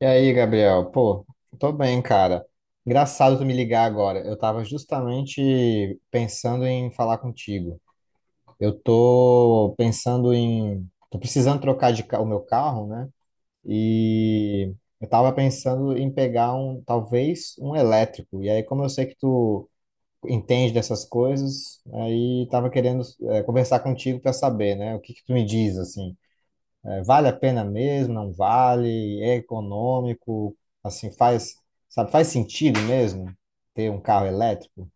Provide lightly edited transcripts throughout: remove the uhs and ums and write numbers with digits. E aí, Gabriel? Pô, tô bem, cara. Engraçado tu me ligar agora. Eu tava justamente pensando em falar contigo. Eu tô pensando em. Tô precisando trocar o meu carro, né? E eu tava pensando em pegar um, talvez, um elétrico. E aí, como eu sei que tu entende dessas coisas, aí tava querendo, conversar contigo pra saber, né? O que que tu me diz, assim? É, vale a pena mesmo? Não vale? É econômico? Assim, faz sentido mesmo ter um carro elétrico?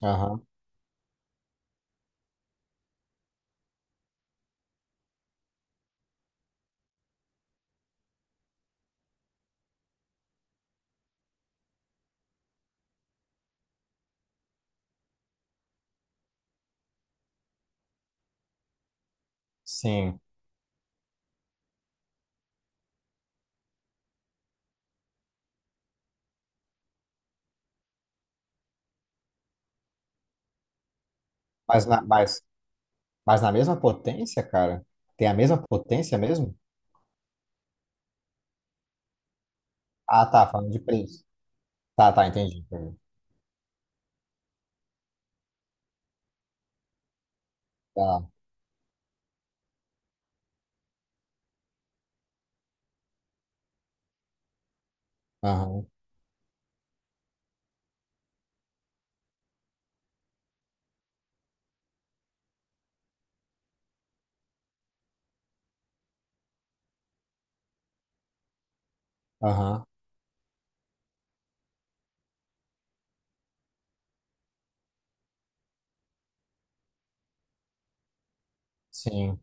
Aham, sim. Mas na, mas, mas na mesma potência, cara? Tem a mesma potência mesmo? Ah, tá, falando de preço. Tá, tá, entendi. Tá, aham, aham, sim,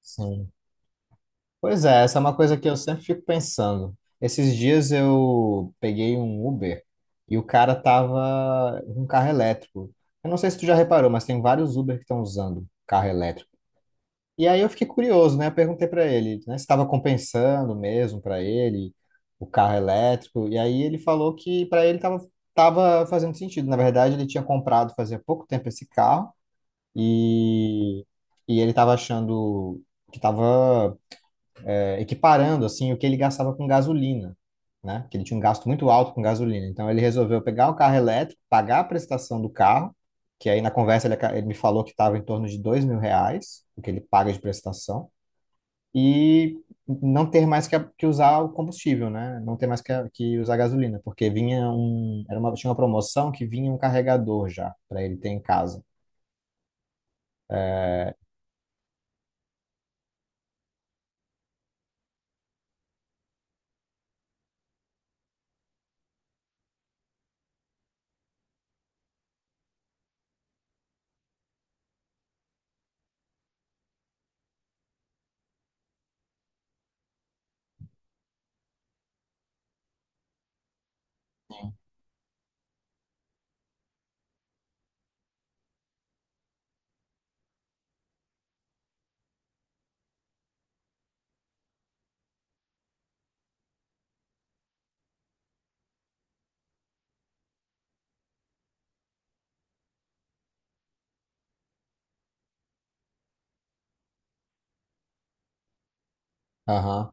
sim. Pois é, essa é uma coisa que eu sempre fico pensando. Esses dias eu peguei um Uber e o cara tava com um carro elétrico. Eu não sei se tu já reparou, mas tem vários Uber que estão usando carro elétrico. E aí eu fiquei curioso, né? Eu perguntei para ele, né, se estava compensando mesmo para ele o carro elétrico. E aí ele falou que para ele tava fazendo sentido. Na verdade, ele tinha comprado fazia pouco tempo esse carro e, e ele tava achando que tava equiparando assim o que ele gastava com gasolina, né? Que ele tinha um gasto muito alto com gasolina. Então ele resolveu pegar o carro elétrico, pagar a prestação do carro, que aí na conversa ele me falou que estava em torno de R$ 2.000, o que ele paga de prestação, e não ter mais que, que usar o combustível, né? Não ter mais que, que usar gasolina, porque vinha um, era uma, tinha uma promoção que vinha um carregador já para ele ter em casa. Aham.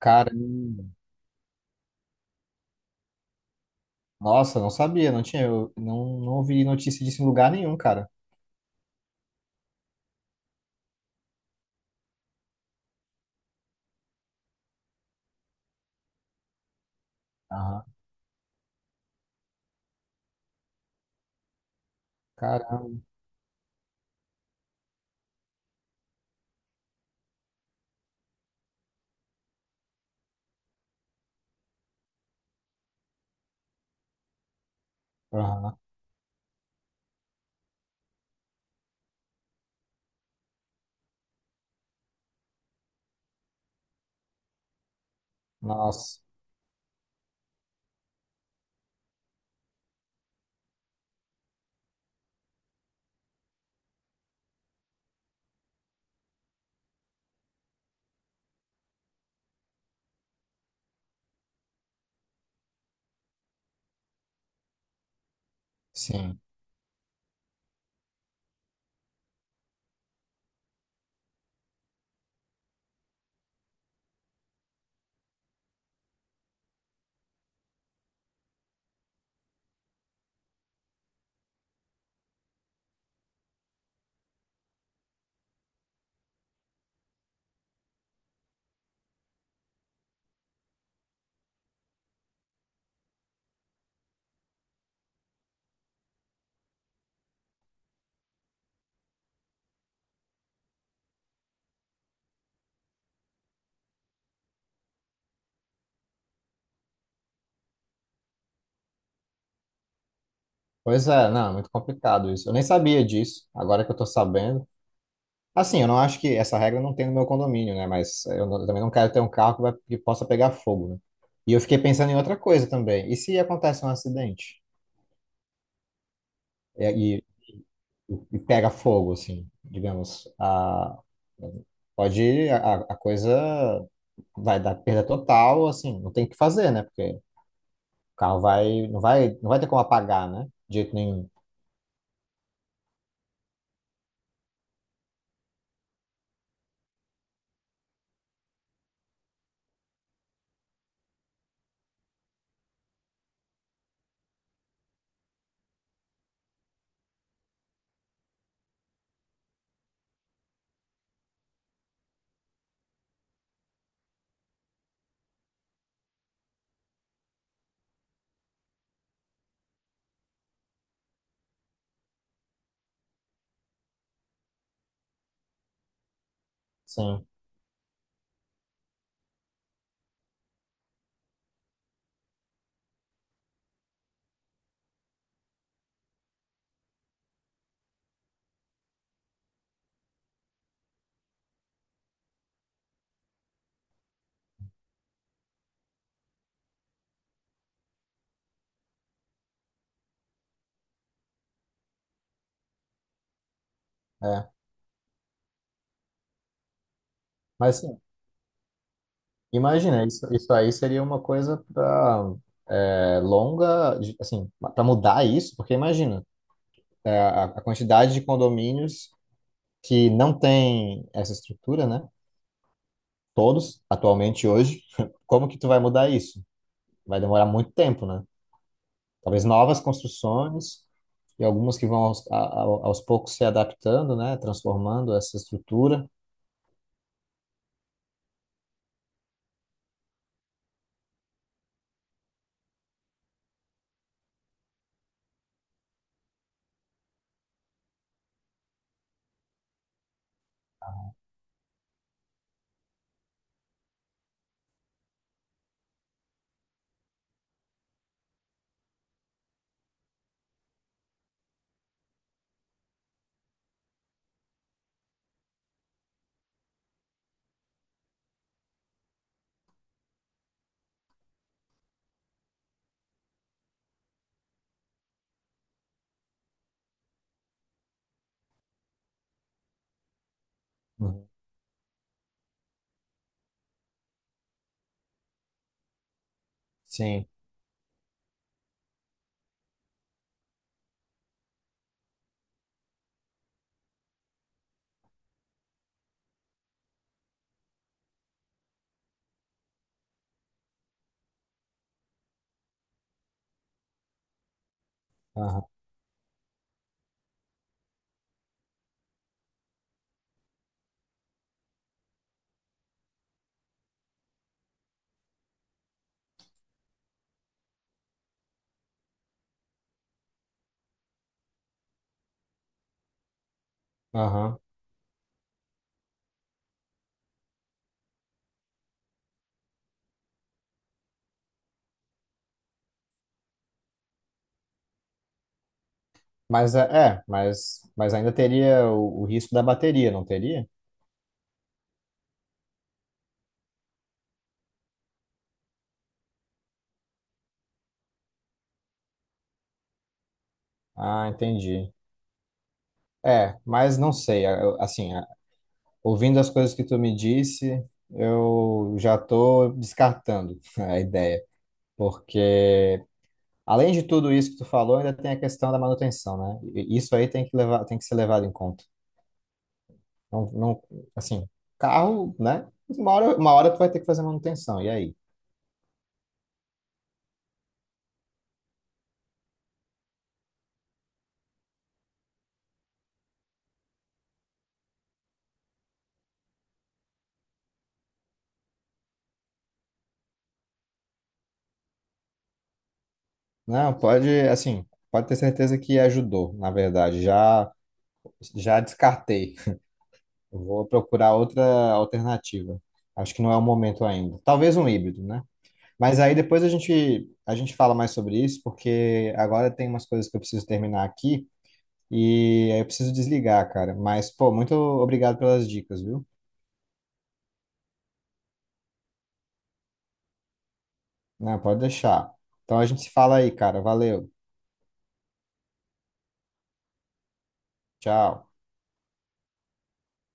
Cara, nossa, não sabia, não tinha, eu não, não ouvi notícia disso em lugar nenhum, cara. Aham. Caramba. Aham. Nossa. Sim. Pois é, não, é muito complicado isso. Eu nem sabia disso, agora que eu tô sabendo. Assim, eu não acho que essa regra não tem no meu condomínio, né? Eu também não quero ter um carro que possa pegar fogo, né? E eu fiquei pensando em outra coisa também. E se acontece um acidente e, e pega fogo, assim, digamos, pode, a coisa vai dar perda total, assim, não tem o que fazer, né? Porque o carro não vai ter como apagar, né? De jeito nenhum. Sim, é. Mas sim, imagina, isso aí seria uma coisa para longa, assim, para mudar isso, porque imagina, é, a quantidade de condomínios que não tem essa estrutura, né? Todos, atualmente hoje, como que tu vai mudar isso? Vai demorar muito tempo, né? Talvez novas construções e algumas que vão aos, a- aos poucos se adaptando, né? Transformando essa estrutura. Uhum. Sim. Aham. Aham. Mas é, mas ainda teria o risco da bateria, não teria? Ah, entendi. É, mas não sei, assim, ouvindo as coisas que tu me disse, eu já tô descartando a ideia, porque além de tudo isso que tu falou, ainda tem a questão da manutenção, né? E isso aí tem que levar, tem que ser levado em conta. Não, não, assim, carro, né? Uma hora tu vai ter que fazer manutenção, e aí? Não, pode, assim, pode ter certeza que ajudou, na verdade, já já descartei. Eu vou procurar outra alternativa. Acho que não é o momento ainda. Talvez um híbrido, né? Mas aí depois a gente fala mais sobre isso, porque agora tem umas coisas que eu preciso terminar aqui e aí eu preciso desligar, cara. Mas, pô, muito obrigado pelas dicas, viu? Não, pode deixar. Então a gente se fala aí, cara. Valeu. Tchau.